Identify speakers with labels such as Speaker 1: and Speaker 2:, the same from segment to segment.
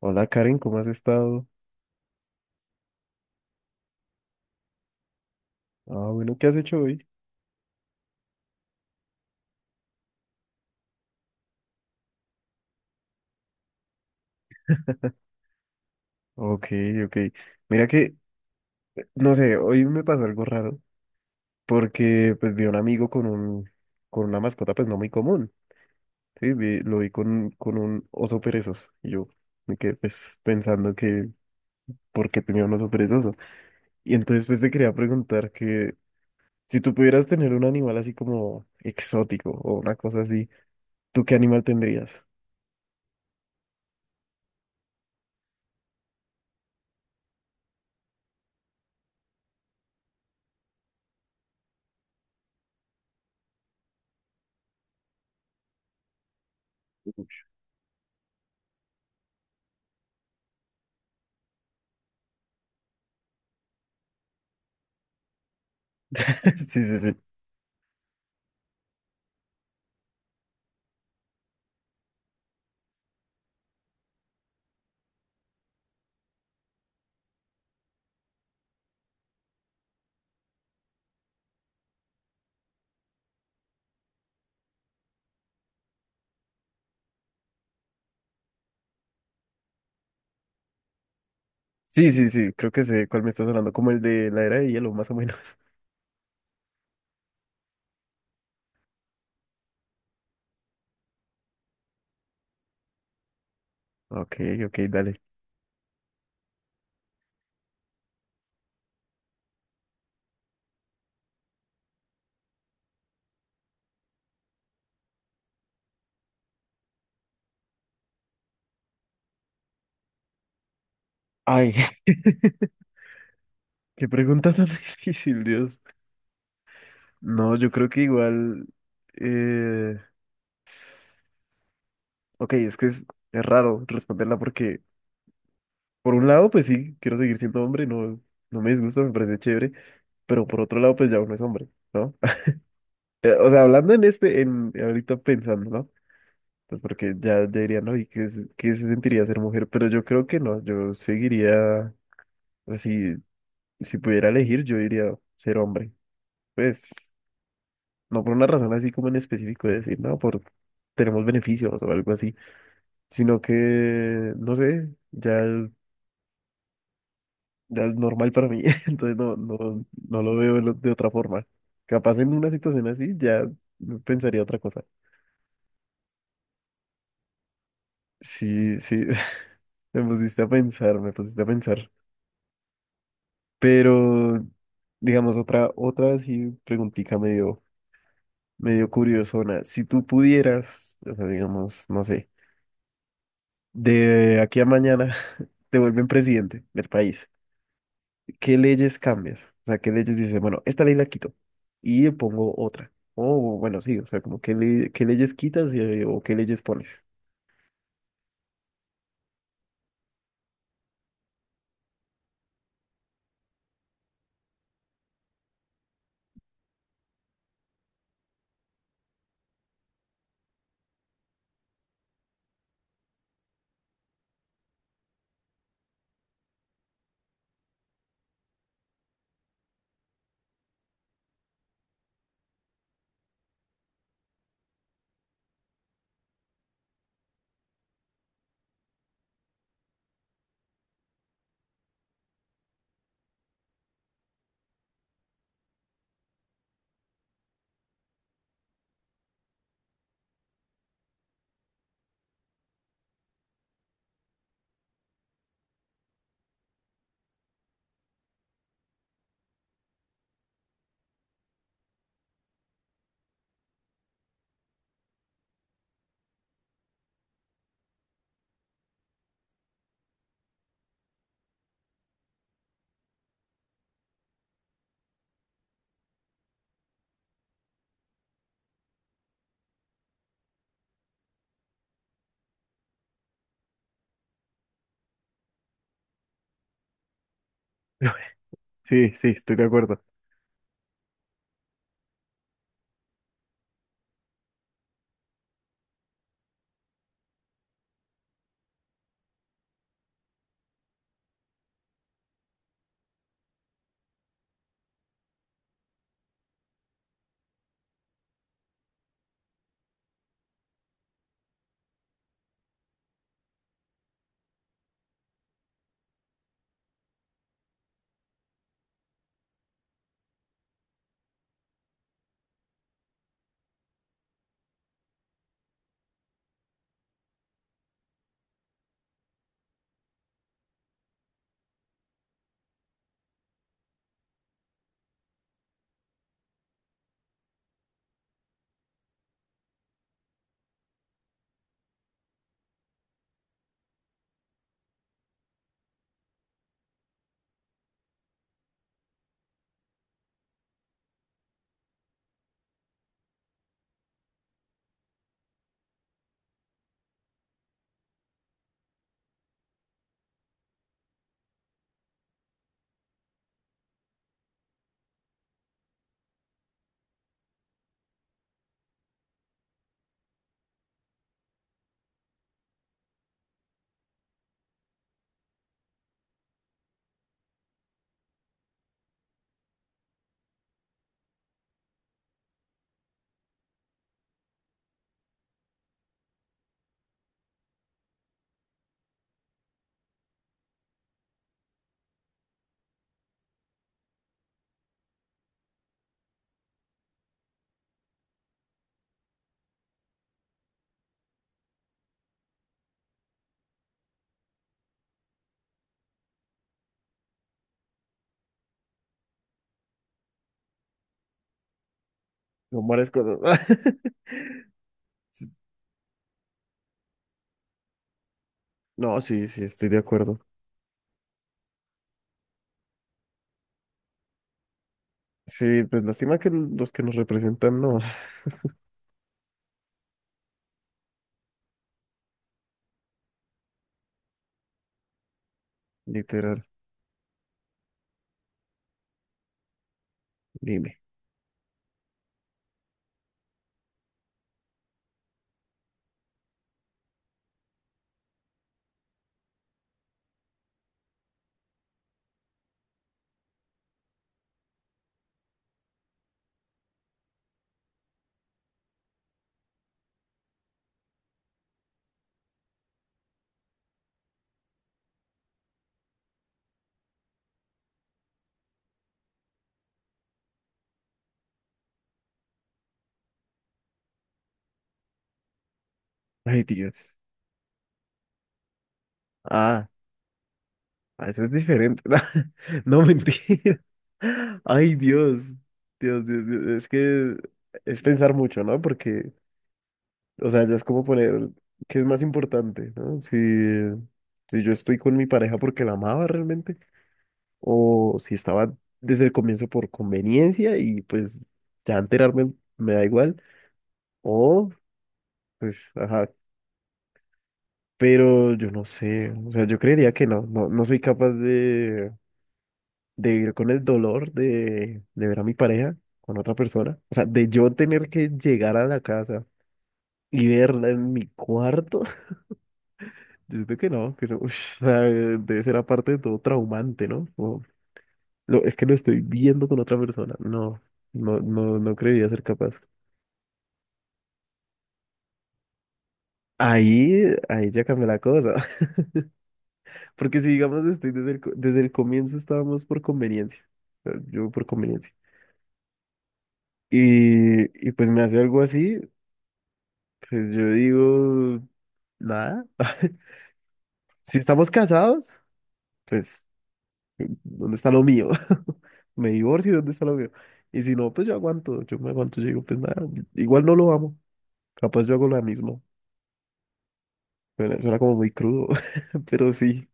Speaker 1: Hola Karen, ¿cómo has estado? Ah, bueno, ¿qué has hecho hoy? Ok, ok. Mira no sé, hoy me pasó algo raro porque pues vi a un amigo con una mascota pues no muy común, ¿sí? Lo vi con un oso perezoso y yo me quedé pues pensando: ¿por qué tenía un oso perezoso? Y entonces pues te quería preguntar que si tú pudieras tener un animal así como exótico o una cosa así, ¿tú qué animal tendrías? Sí, sí, sí. Sí, sí, sí, creo que sé cuál me estás hablando, como el de la era de hielo, más o menos. Ok, ok, dale. Ay, qué pregunta tan difícil, Dios. No, yo creo que igual... Eh... Ok, es raro responderla porque, por un lado, pues sí, quiero seguir siendo hombre, no, no me disgusta, me parece chévere, pero por otro lado, pues ya uno es hombre, ¿no? O sea, hablando en ahorita pensando, ¿no? Pues porque ya diría, no, ¿y qué se sentiría ser mujer? Pero yo creo que no, yo seguiría. O sea, si pudiera elegir, yo diría ser hombre. Pues no por una razón así como en específico de decir, no, por tenemos beneficios o algo así, sino que, no sé, ya es normal para mí, entonces no, no, no lo veo de otra forma. Capaz en una situación así ya pensaría otra cosa. Sí, sí, me pusiste a pensar, me pusiste a pensar. Pero, digamos, otra así preguntica medio curiosona. Si tú pudieras, o sea, digamos, no sé, de aquí a mañana te vuelven presidente del país, ¿qué leyes cambias? O sea, ¿qué leyes dices, bueno, esta ley la quito y le pongo otra? O bueno, sí, o sea, como qué leyes quitas o qué leyes pones. Sí, sí, estoy de acuerdo. Son varias cosas. No, sí, sí, estoy de acuerdo. Sí, pues lástima que los que nos representan no. Literal. Dime. Ay, Dios. Ah, ah, eso es diferente. No, mentira. Ay, Dios. Dios, Dios, Dios. Es que es pensar mucho, ¿no? Porque, o sea, ya es como poner qué es más importante, ¿no? Si, si yo estoy con mi pareja porque la amaba realmente, o si estaba desde el comienzo por conveniencia y pues ya enterarme me da igual, o pues, ajá. Pero yo no sé, o sea, yo creería que no, no, no soy capaz de. De vivir con el dolor de ver a mi pareja con otra persona. O sea, de yo tener que llegar a la casa y verla en mi cuarto. Yo siento que no, ush, o sea, debe ser aparte de todo traumante, ¿no? Como, lo, es que lo estoy viendo con otra persona. No, no, no, no creería ser capaz. Ahí, ahí ya cambió la cosa. Porque si digamos, estoy desde desde el comienzo estábamos por conveniencia. O sea, yo por conveniencia. Y, y pues me hace algo así, pues yo digo, nada. Si estamos casados, pues, ¿dónde está lo mío? Me divorcio, ¿dónde está lo mío? Y si no, pues yo aguanto, yo me aguanto, yo digo, pues nada, igual no lo amo. Capaz yo hago lo mismo. Suena como muy crudo, pero sí.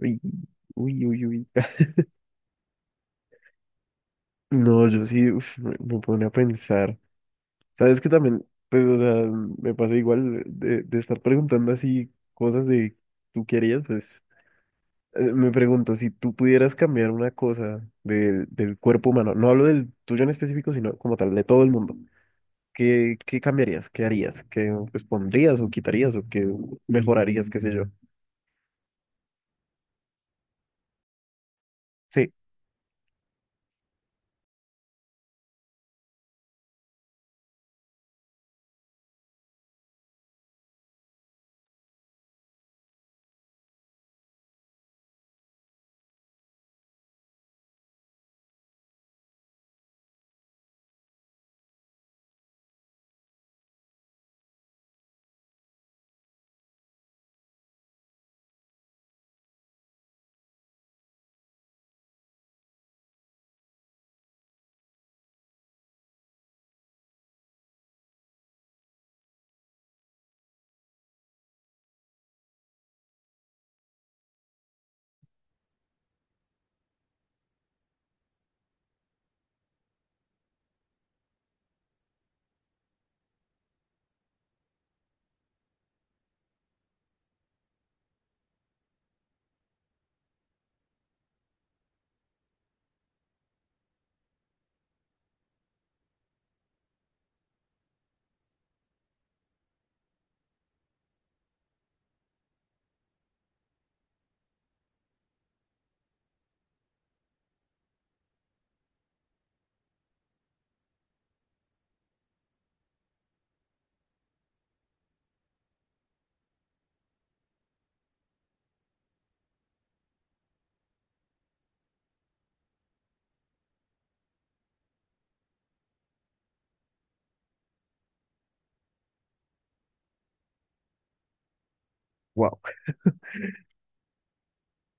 Speaker 1: Uy, uy, uy, uy. No, yo sí, uf, me pone a pensar. ¿Sabes que también, pues, o sea, me pasa igual de estar preguntando así cosas de tú querías, pues. Me pregunto, si tú pudieras cambiar una cosa del cuerpo humano, no hablo del tuyo en específico, sino como tal, de todo el mundo, qué cambiarías? ¿Qué harías? ¿Qué pues, pondrías o quitarías o qué mejorarías, qué sé yo? Sí, wow.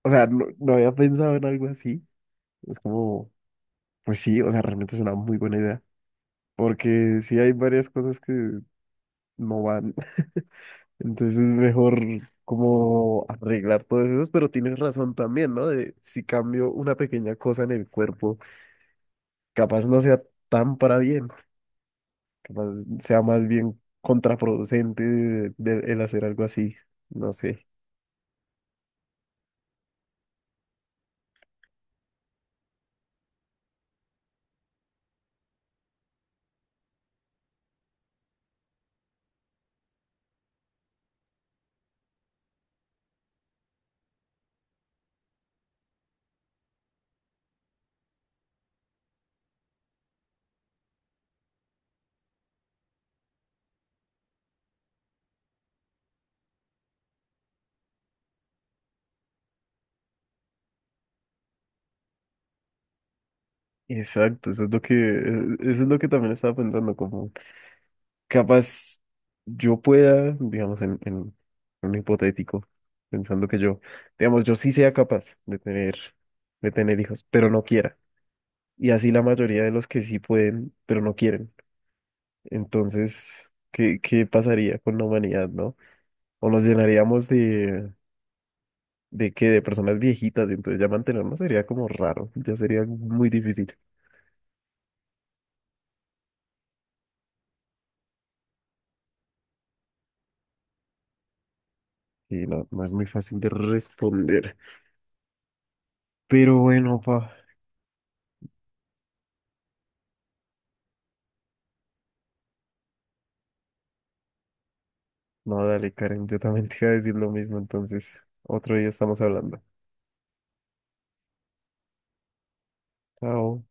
Speaker 1: O sea, no, no había pensado en algo así. Es como, pues sí, o sea, realmente es una muy buena idea, porque sí hay varias cosas que no van. Entonces es mejor como arreglar todos esos, pero tienes razón también, ¿no? De si cambio una pequeña cosa en el cuerpo. Capaz no sea tan para bien, capaz sea más bien contraproducente el hacer algo así, no sé. Exacto, eso es lo que, eso es lo que también estaba pensando, como capaz yo pueda, digamos, en un hipotético, pensando que yo, digamos, yo sí sea capaz de tener hijos, pero no quiera. Y así la mayoría de los que sí pueden, pero no quieren. Entonces, qué pasaría con la humanidad, no? O nos llenaríamos de personas viejitas, y entonces ya mantenerlo sería como raro, ya sería muy difícil. Y no, no es muy fácil de responder. Pero bueno, pa, no, dale, Karen, yo también te iba a decir lo mismo, entonces otro día estamos hablando. Chao.